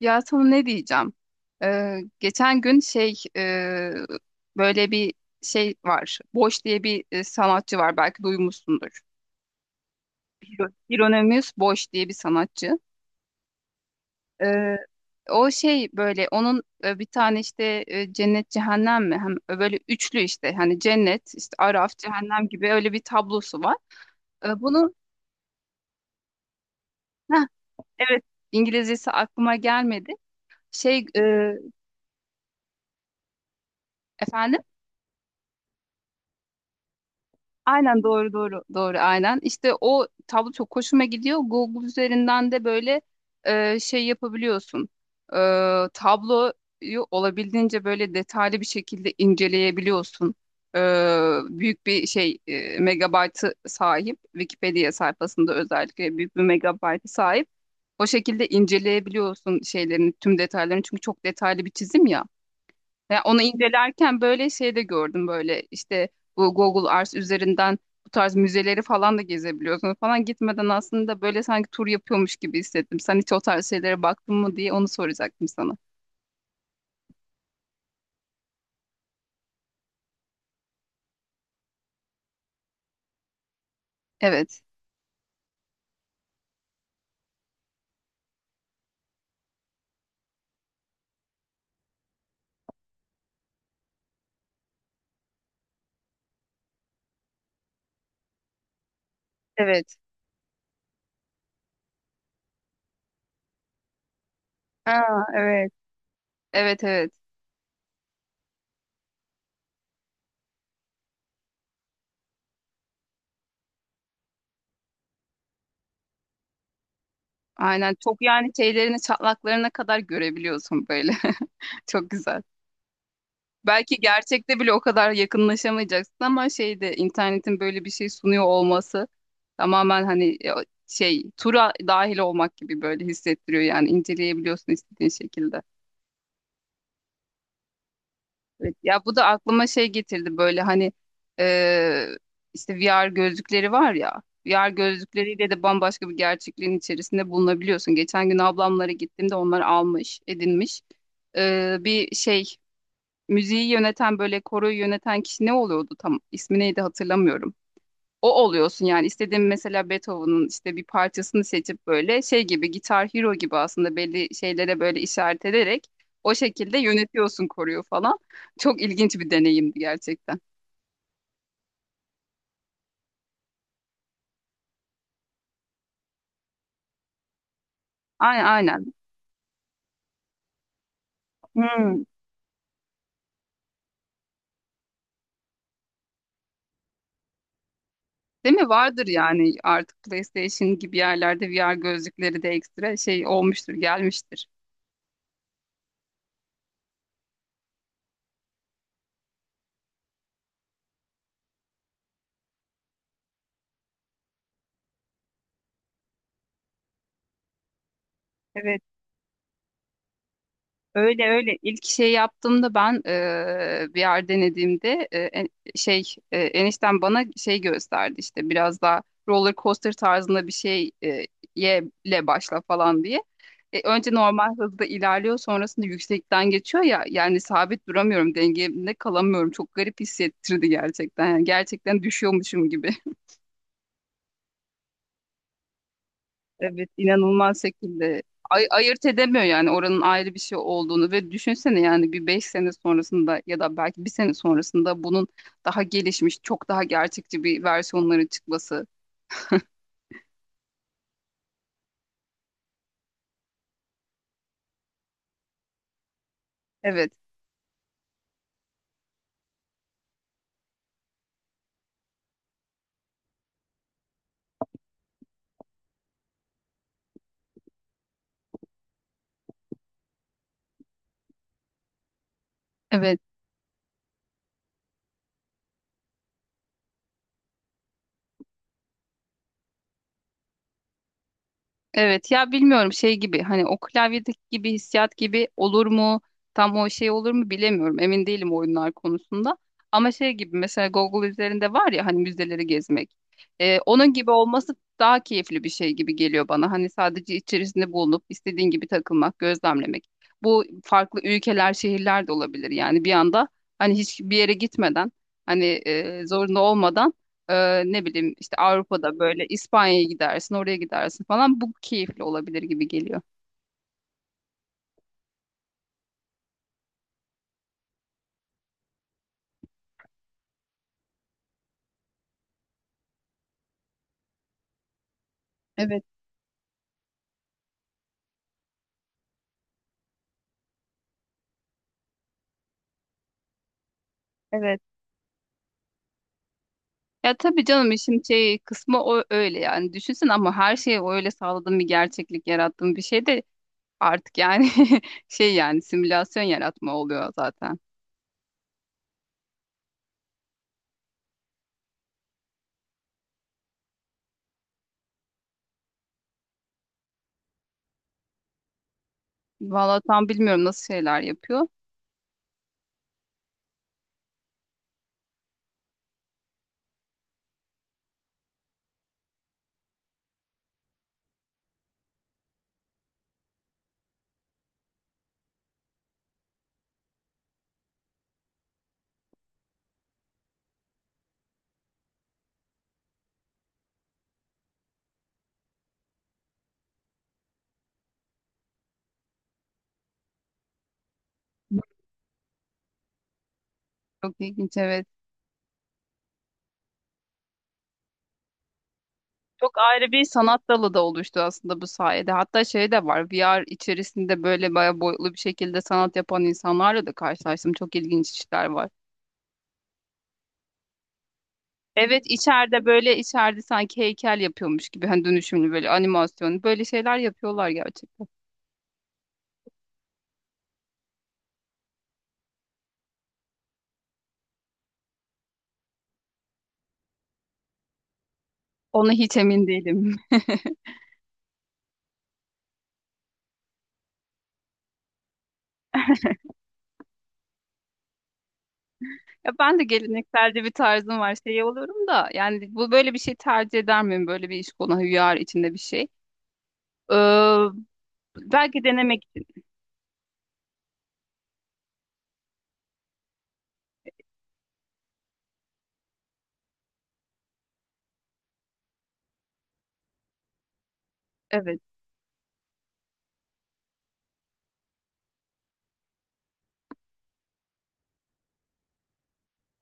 Ya sana ne diyeceğim? Geçen gün şey böyle bir şey var. Boş diye bir sanatçı var. Belki duymuşsundur. Hieronymus Boş diye bir sanatçı. Ee, O şey böyle onun bir tane işte cennet cehennem mi? Hem böyle üçlü işte hani cennet işte Araf cehennem gibi öyle bir tablosu var. Bunu Heh, evet, İngilizcesi aklıma gelmedi. Şey efendim, aynen, doğru doğru doğru, aynen. İşte o tablo çok hoşuma gidiyor. Google üzerinden de böyle şey yapabiliyorsun. E, Tabloyu olabildiğince böyle detaylı bir şekilde inceleyebiliyorsun. E, Büyük bir şey megabaytı sahip. Wikipedia sayfasında özellikle büyük bir megabaytı sahip. O şekilde inceleyebiliyorsun şeylerin tüm detaylarını. Çünkü çok detaylı bir çizim ya. Ya onu incelerken böyle şey de gördüm, böyle işte bu Google Earth üzerinden bu tarz müzeleri falan da gezebiliyorsunuz falan, gitmeden, aslında böyle sanki tur yapıyormuş gibi hissettim. Sen hiç o tarz şeylere baktın mı diye onu soracaktım sana. Evet. Evet. Aa, evet. Evet, evet. Aynen, çok yani şeylerini çatlaklarına kadar görebiliyorsun böyle. Çok güzel. Belki gerçekte bile o kadar yakınlaşamayacaksın ama şeyde internetin böyle bir şey sunuyor olması tamamen, hani şey tura dahil olmak gibi böyle hissettiriyor yani, inceleyebiliyorsun istediğin şekilde. Evet, ya bu da aklıma şey getirdi, böyle hani e, işte VR gözlükleri var ya, VR gözlükleriyle de bambaşka bir gerçekliğin içerisinde bulunabiliyorsun. Geçen gün ablamlara gittiğimde onlar almış, edinmiş bir şey, müziği yöneten, böyle koroyu yöneten kişi ne oluyordu, tam ismi neydi hatırlamıyorum. O oluyorsun yani, istediğin mesela Beethoven'ın işte bir parçasını seçip böyle şey gibi, Gitar Hero gibi aslında belli şeylere böyle işaret ederek o şekilde yönetiyorsun koruyu falan. Çok ilginç bir deneyimdi gerçekten. Aynen, aynen. Hmm. Değil mi? Vardır yani, artık PlayStation gibi yerlerde VR gözlükleri de ekstra şey olmuştur, gelmiştir. Evet. Öyle öyle, ilk şey yaptığımda ben bir yer denediğimde şey enişten bana şey gösterdi, işte biraz daha roller coaster tarzında bir şey, ye ile başla falan diye. Önce normal hızda ilerliyor, sonrasında yüksekten geçiyor ya, yani sabit duramıyorum, dengemde kalamıyorum, çok garip hissettirdi gerçekten, yani gerçekten düşüyormuşum gibi. Evet, inanılmaz şekilde ayırt edemiyor yani, oranın ayrı bir şey olduğunu. Ve düşünsene yani bir beş sene sonrasında ya da belki bir sene sonrasında bunun daha gelişmiş, çok daha gerçekçi bir versiyonların çıkması. Evet. Evet. Evet ya, bilmiyorum, şey gibi hani o klavyedeki gibi hissiyat gibi olur mu, tam o şey olur mu bilemiyorum, emin değilim oyunlar konusunda. Ama şey gibi mesela Google üzerinde var ya hani, müzeleri gezmek, onun gibi olması daha keyifli bir şey gibi geliyor bana. Hani sadece içerisinde bulunup istediğin gibi takılmak, gözlemlemek, bu farklı ülkeler, şehirler de olabilir yani, bir anda hani hiç bir yere gitmeden, hani zorunda olmadan, ne bileyim işte Avrupa'da böyle İspanya'ya gidersin, oraya gidersin falan. Bu keyifli olabilir gibi geliyor. Evet, evet. Ya tabii canım, işin şey kısmı o, öyle yani düşünsün. Ama her şeye o öyle sağladığım bir gerçeklik, yarattığım bir şey de artık yani. Şey yani simülasyon yaratma oluyor zaten. Vallahi tam bilmiyorum nasıl şeyler yapıyor. Çok ilginç, evet. Çok ayrı bir sanat dalı da oluştu aslında bu sayede. Hatta şey de var, VR içerisinde böyle bayağı boyutlu bir şekilde sanat yapan insanlarla da karşılaştım. Çok ilginç işler var. Evet, içeride böyle, içeride sanki heykel yapıyormuş gibi, hani dönüşümlü böyle animasyon böyle şeyler yapıyorlar gerçekten. Ona hiç emin değilim. Ya ben de gelenekselce bir tarzım var, şey oluyorum da yani, bu böyle bir şey tercih eder miyim, böyle bir iş, konu VR içinde bir şey. Ee, Belki denemek için. Evet.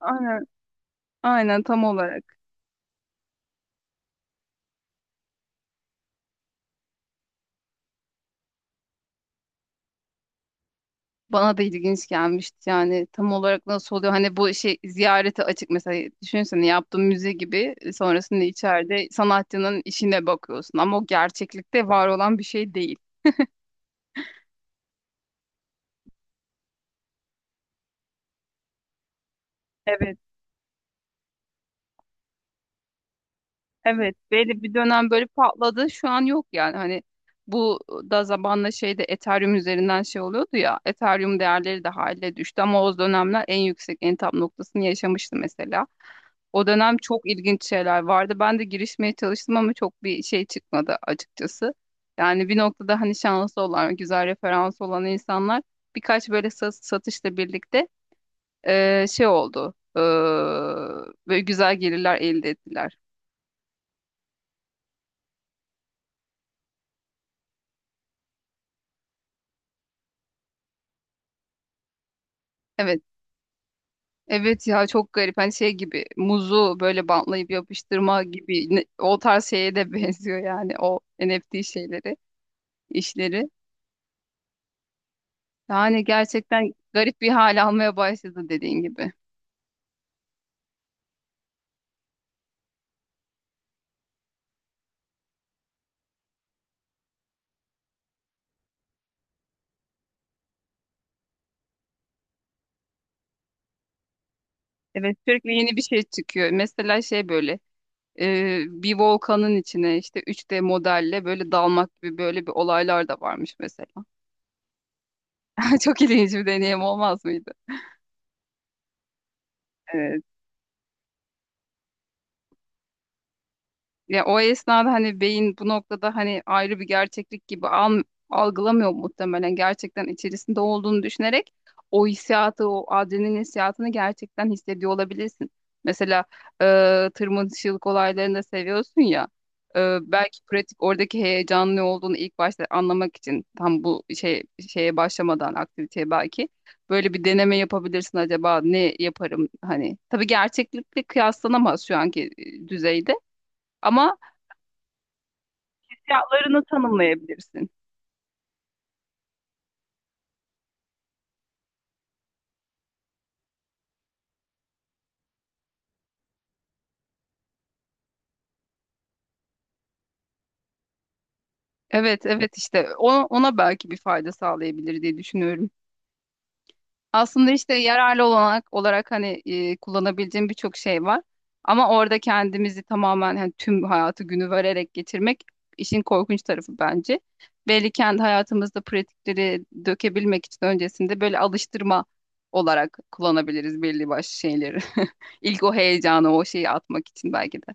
Aynen. Aynen tam olarak. Bana da ilginç gelmişti yani, tam olarak nasıl oluyor hani, bu şey ziyarete açık mesela, düşünsene yaptığın müze gibi, sonrasında içeride sanatçının işine bakıyorsun ama o gerçeklikte var olan bir şey değil. Evet. Evet, belli bir dönem böyle patladı. Şu an yok yani, hani bu da zamanla şeyde Ethereum üzerinden şey oluyordu ya. Ethereum değerleri de hale düştü ama o dönemler en yüksek, en tam noktasını yaşamıştı mesela. O dönem çok ilginç şeyler vardı. Ben de girişmeye çalıştım ama çok bir şey çıkmadı açıkçası. Yani bir noktada hani şanslı olan, güzel referans olan insanlar birkaç böyle satışla birlikte şey oldu. Böyle güzel gelirler elde ettiler. Evet. Evet ya, çok garip. Hani şey gibi, muzu böyle bantlayıp yapıştırma gibi o tarz şeye de benziyor yani, o NFT şeyleri, işleri. Yani gerçekten garip bir hal almaya başladı, dediğin gibi. Evet, sürekli yeni bir şey çıkıyor. Mesela şey böyle, bir volkanın içine işte 3D modelle böyle dalmak gibi böyle bir olaylar da varmış mesela. Çok ilginç bir deneyim olmaz mıydı? Ya o esnada hani beyin bu noktada hani ayrı bir gerçeklik gibi algılamıyor muhtemelen. Gerçekten içerisinde olduğunu düşünerek o hissiyatı, o adrenalin hissiyatını gerçekten hissediyor olabilirsin. Mesela e, tırmanışçılık olaylarını da seviyorsun ya. Belki pratik, oradaki heyecanlı olduğunu ilk başta anlamak için, tam bu şey, şeye başlamadan aktiviteye, belki böyle bir deneme yapabilirsin acaba, ne yaparım hani. Tabii gerçeklikle kıyaslanamaz şu anki düzeyde. Ama fiyatlarını tanımlayabilirsin. Evet, evet, işte ona belki bir fayda sağlayabilir diye düşünüyorum. Aslında işte yararlı olanak olarak hani kullanabileceğim birçok şey var. Ama orada kendimizi tamamen hani tüm hayatı günü vererek geçirmek işin korkunç tarafı bence. Belli kendi hayatımızda pratikleri dökebilmek için öncesinde böyle alıştırma olarak kullanabiliriz belli başlı şeyleri. İlk o heyecanı, o şeyi atmak için belki de.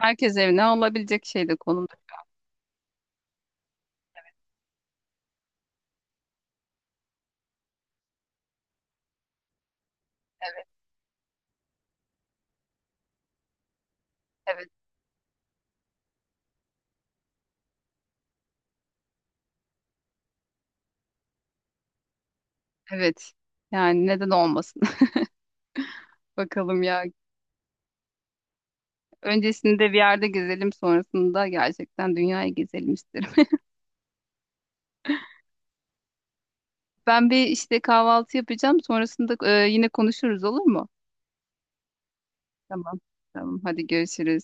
Herkes evine alabilecek şey de konumda. Evet. Evet. Yani neden olmasın? Bakalım ya. Öncesinde bir yerde gezelim, sonrasında gerçekten dünyayı gezelim isterim. Ben bir işte kahvaltı yapacağım, sonrasında yine konuşuruz, olur mu? Tamam. Tamam. Hadi görüşürüz.